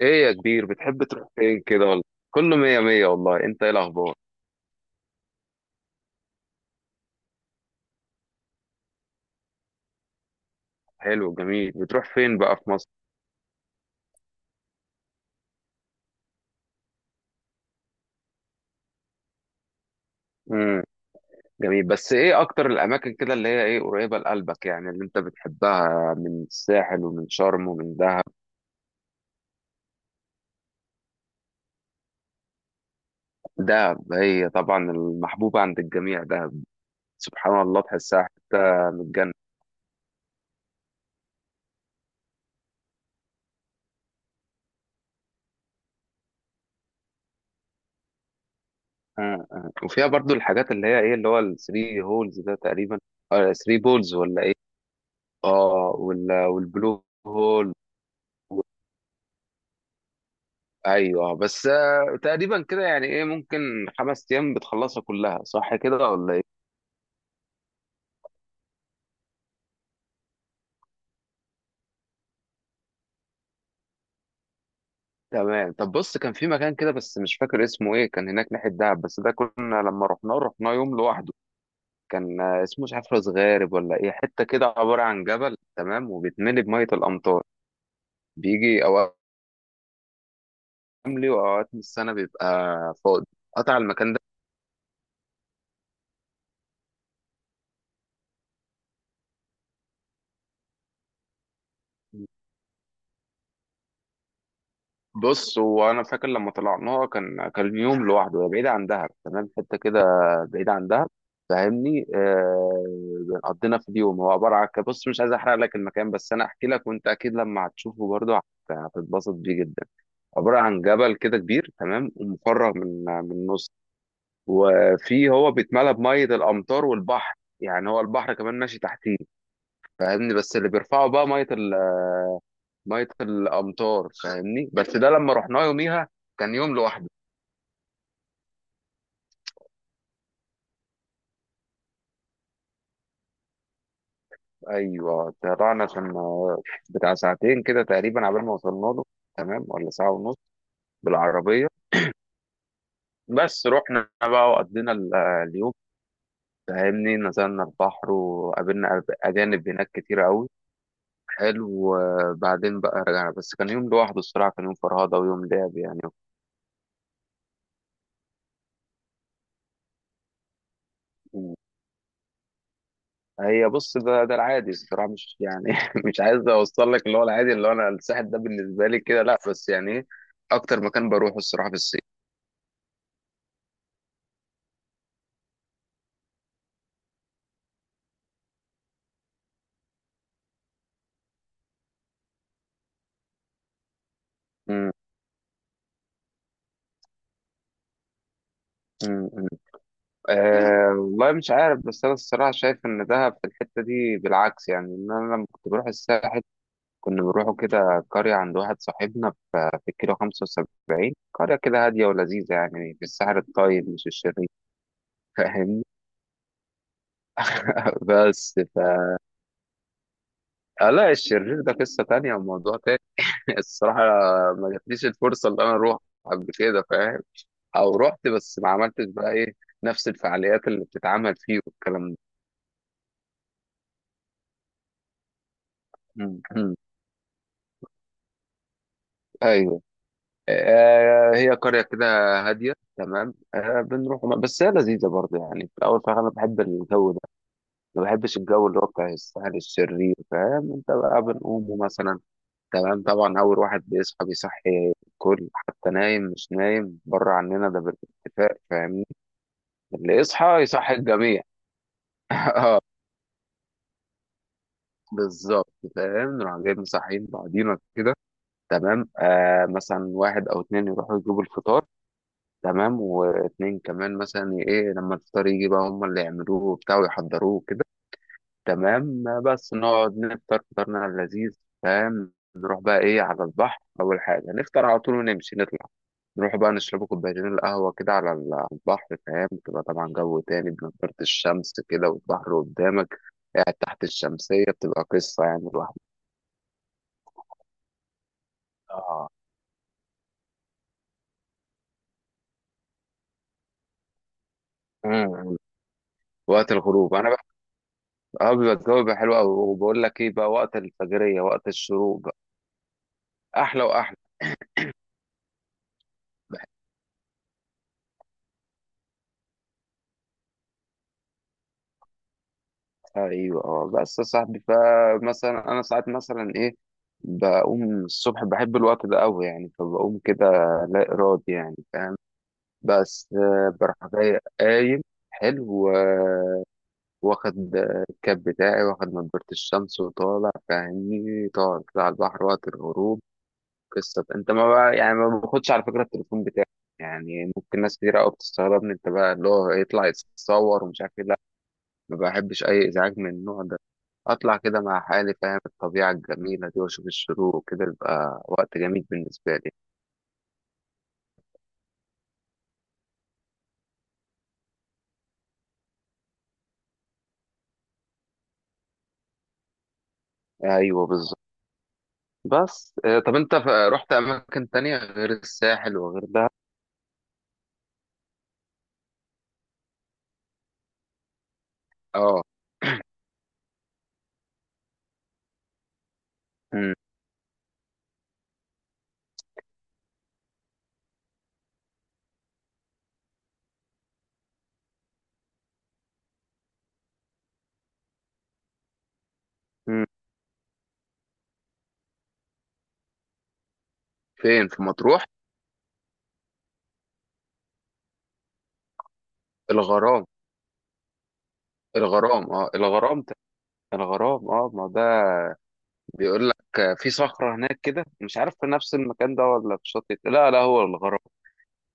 ايه يا كبير، بتحب تروح فين كده ولا. كله مية مية والله. انت ايه الاخبار؟ حلو جميل، بتروح فين بقى في مصر؟ امم جميل، بس ايه اكتر الاماكن كده اللي هي ايه قريبة لقلبك، يعني اللي انت بتحبها من الساحل ومن شرم ومن دهب؟ دهب هي طبعا المحبوبة عند الجميع. دهب سبحان الله تحسها حتة من الجنة. أمم، أمم. وفيها برضو الحاجات اللي هي ايه، اللي هو الثري هولز ده تقريبا. اه ثري بولز ولا ايه. اه والبلو هول. ايوه بس تقريبا كده يعني ايه، ممكن خمس ايام بتخلصها كلها، صح كده ولا ايه؟ تمام. طب بص، كان في مكان كده بس مش فاكر اسمه ايه، كان هناك ناحيه دهب، بس ده كنا لما رحناه يوم لوحده. كان اسمه مش عارف، راس غارب ولا ايه، حته كده عباره عن جبل تمام، وبيتملي بميه الامطار. بيجي اوقات حملي، واوقات من السنه بيبقى فاضي قطع، المكان ده. بص، هو انا فاكر لما طلعناها كان يوم لوحده. هي بعيد عن دهب، تمام، حته كده بعيد عن دهب، فاهمني. آه قضينا في اليوم، هو عباره عن بص مش عايز احرق لك المكان، بس انا احكي لك، وانت اكيد لما هتشوفه برضه هتتبسط بيه جدا. عباره عن جبل كده كبير تمام، ومفرغ من النص. وفي، هو بيتملى بميه الامطار والبحر. يعني هو البحر كمان ماشي تحتيه، فاهمني. بس اللي بيرفعه بقى ميه ميه الامطار، فاهمني. بس ده لما رحناه يوميها، كان يوم لوحده. ايوه، طلعنا، كان بتاع ساعتين كده تقريبا عبال ما وصلنا له، تمام، ولا ساعه ونص بالعربيه. بس رحنا بقى، وقضينا اليوم، فاهمني. نزلنا البحر، وقابلنا اجانب هناك كتير قوي، حلو. وبعدين بقى رجعنا، بس كان يوم لوحده الصراحه، كان يوم فرهده ويوم لعب يعني. هي بص، ده العادي الصراحه، مش يعني مش عايز اوصل لك اللي هو العادي، اللي هو انا الساحل ده بالنسبه لي كده لا، بس يعني ايه اكتر مكان بروحه الصراحه في الصيف. مم. أه والله مش عارف، بس أنا الصراحة شايف إن دهب في الحتة دي بالعكس، يعني إن أنا لما كنت بروح الساحل كنا بنروحوا كده قرية عند واحد صاحبنا في الكيلو 75، قرية كده هادية ولذيذة يعني، في الساحل الطيب مش الشرير، فاهمني. بس ف، آه لا، الشرير ده قصة تانية وموضوع تاني. الصراحة ما جاتليش الفرصة اللي أنا أروح قبل كده، فاهم، أو رحت بس ما عملتش بقى إيه، نفس الفعاليات اللي بتتعمل فيه والكلام ده. أيوه. هي قرية كده هادية تمام، بنروح بس هي لذيذة برضه يعني في الأول، فأنا بحب الجو ده، ما بحبش الجو اللي هو بتاع السهل الشرير، فاهم أنت بقى. بنقوم مثلا تمام، طبعا أول واحد بيصحى بيصحي الكل، حتى نايم مش نايم، بره عننا ده بالاتفاق، فاهمني. اللي يصحى يصحي الجميع. بالظبط، فاهم. نروح جايين مصحيين بعضينا كده تمام. آه مثلا واحد أو اتنين يروحوا يجيبوا الفطار، تمام، واتنين كمان مثلا ايه، لما الفطار يجي بقى هم اللي يعملوه وبتاع، ويحضروه كده تمام. بس نقعد نفطر فطارنا اللذيذ، فاهم. نروح بقى ايه على البحر، اول حاجه نفطر على طول، ونمشي نطلع، نروح بقى نشرب كوبايتين القهوه كده على على البحر، فاهم. تبقى طبعا جو تاني، بنضارة الشمس كده والبحر قدامك، قاعد تحت الشمسية، بتبقى قصة يعني الواحد. اه. مم. وقت الغروب انا بقى، اه بيبقى الجو بيبقى حلو قوي. وبقول لك ايه بقى، وقت الفجرية وقت الشروق، احلى واحلى. بحسها، ايوه اه. بس يا صاحبي، فمثلا انا ساعات مثلا ايه، بقوم الصبح، بحب الوقت ده قوي يعني، فبقوم كده لا ارادي يعني، فاهم. بس بروح جاي قايم، حلو، واخد الكاب بتاعي، واخد نضارة الشمس وطالع، فاهمني، طالع كده على البحر وقت الغروب، قصة. انت ما بقى يعني، ما باخدش على فكرة التليفون بتاعي. يعني ممكن ناس كتير قوي بتستغربني، انت بقى اللي هو يطلع يتصور ومش عارف ايه. ما بحبش أي إزعاج من النوع ده. أطلع كده مع حالي، فاهم، الطبيعة الجميلة دي، وأشوف الشروق وكده، يبقى وقت جميل بالنسبة لي. أيوه بالظبط. بس طب أنت رحت أماكن تانية غير الساحل وغير ده؟ أه. مم. مم. فين في مطروح؟ الغرام. الغرام، أه الغرام الغرام، أه ما ده بيقول لك في صخرة هناك كده، مش عارف في نفس المكان ده ولا في شاطئ، لا هو الغرام،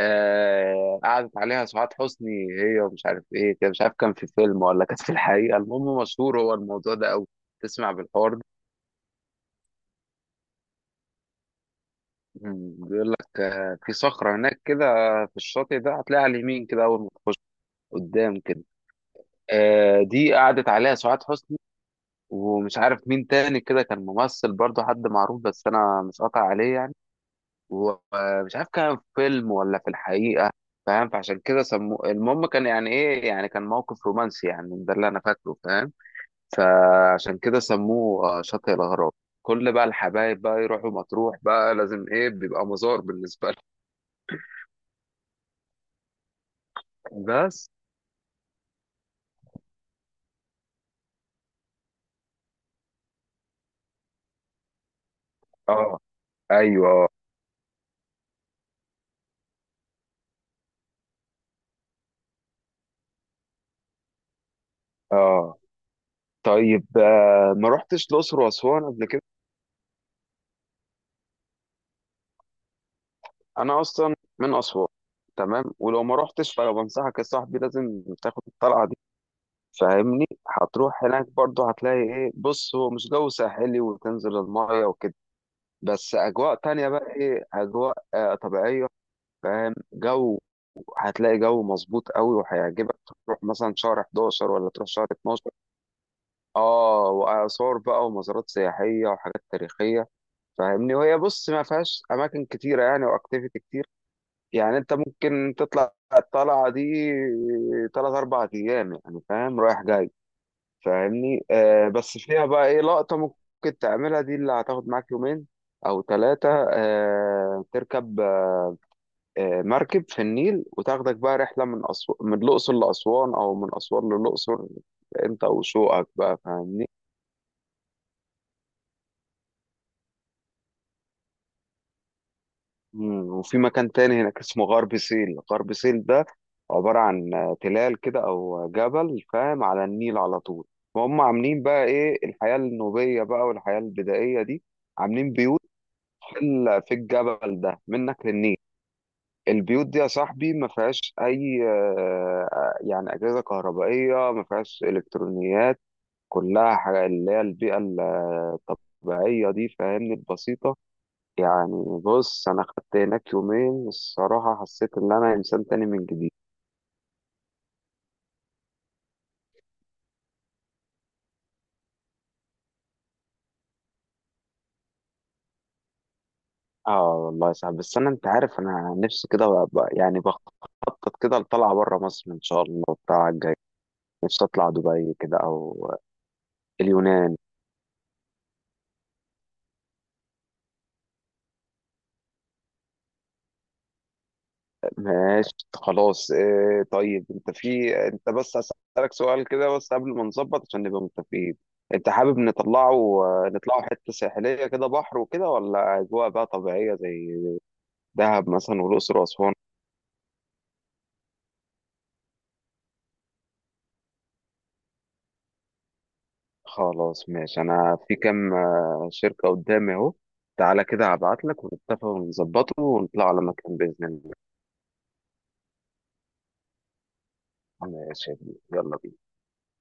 آه قعدت عليها سعاد حسني هي، ومش عارف ايه، كان مش عارف كان في فيلم ولا كانت في الحقيقه، المهم مشهور هو الموضوع ده قوي، تسمع بالحوار ده؟ مم، بيقول لك آه في صخره هناك كده في الشاطئ ده، هتلاقيها على اليمين كده اول ما تخش، قدام كده، آه دي قعدت عليها سعاد حسني، ومش عارف مين تاني كده، كان ممثل برضه حد معروف بس انا مش قاطع عليه يعني، ومش عارف كان في فيلم ولا في الحقيقة، فاهم. فعشان كده سموه، المهم كان يعني ايه، يعني كان موقف رومانسي يعني، ده اللي انا فاكره، فاهم. فعشان كده سموه شاطئ الاغراب. كل بقى الحبايب بقى يروحوا مطروح بقى لازم ايه، بيبقى مزار بالنسبة لهم. بس اه، ايوه اه. آه. طيب ما رحتش الاقصر واسوان قبل كده؟ انا اصلا من اسوان، تمام، ولو ما رحتش فانا بنصحك يا صاحبي، لازم تاخد الطلعة دي، فاهمني. هتروح هناك برضه، هتلاقي ايه، بص هو مش جو ساحلي وتنزل المايه وكده، بس اجواء تانية بقى ايه، اجواء آه طبيعية، فاهم. جو، هتلاقي جو مظبوط قوي وهيعجبك. تروح مثلا شهر 11 ولا تروح شهر 12. اه، واثار بقى، ومزارات سياحية وحاجات تاريخية، فاهمني. وهي بص ما فيهاش اماكن كتيرة يعني واكتيفيتي كتير، يعني انت ممكن تطلع الطلعة دي تلات اربع ايام يعني، فاهم، رايح جاي، فاهمني. بس فيها بقى ايه لقطة ممكن تعملها دي، اللي هتاخد معاك يومين او ثلاثة، آه تركب مركب في النيل، وتاخدك بقى رحلة من من الأقصر لأسوان، او من أسوان للأقصر، انت وشوقك بقى، فاهمني. مم. وفي مكان تاني هناك اسمه غرب سهيل. غرب سهيل ده عبارة عن تلال كده او جبل، فاهم، على النيل على طول، وهم عاملين بقى ايه الحياة النوبية بقى، والحياة البدائية دي، عاملين بيوت اللي في الجبل ده منك للنيل. البيوت دي يا صاحبي ما فيهاش اي يعني اجهزه كهربائيه، ما فيهاش الكترونيات، كلها حاجه اللي هي البيئه الطبيعيه دي، فاهمني، البسيطه. يعني بص، انا خدت هناك يومين الصراحه، حسيت ان انا انسان تاني من جديد. اه والله صعب، بس انا انت عارف انا نفسي كده بقى يعني بخطط كده لطلعه بره مصر ان شاء الله بتاع الجاي، نفسي اطلع دبي كده او اليونان. ماشي خلاص اه. طيب انت في انت بس هسألك سؤال كده، بس قبل ما نظبط، عشان نبقى متفقين، انت حابب نطلعه نطلعه حتة ساحلية كده، بحر وكده، ولا أجواء بقى طبيعية زي دهب مثلا والأقصر وأسوان؟ خلاص ماشي، أنا في كام شركة قدامي أهو، تعالى كده هبعت لك، ونتفق ونظبطه، ونطلع على مكان بإذن الله. ماشي يا كبير. يلا بينا.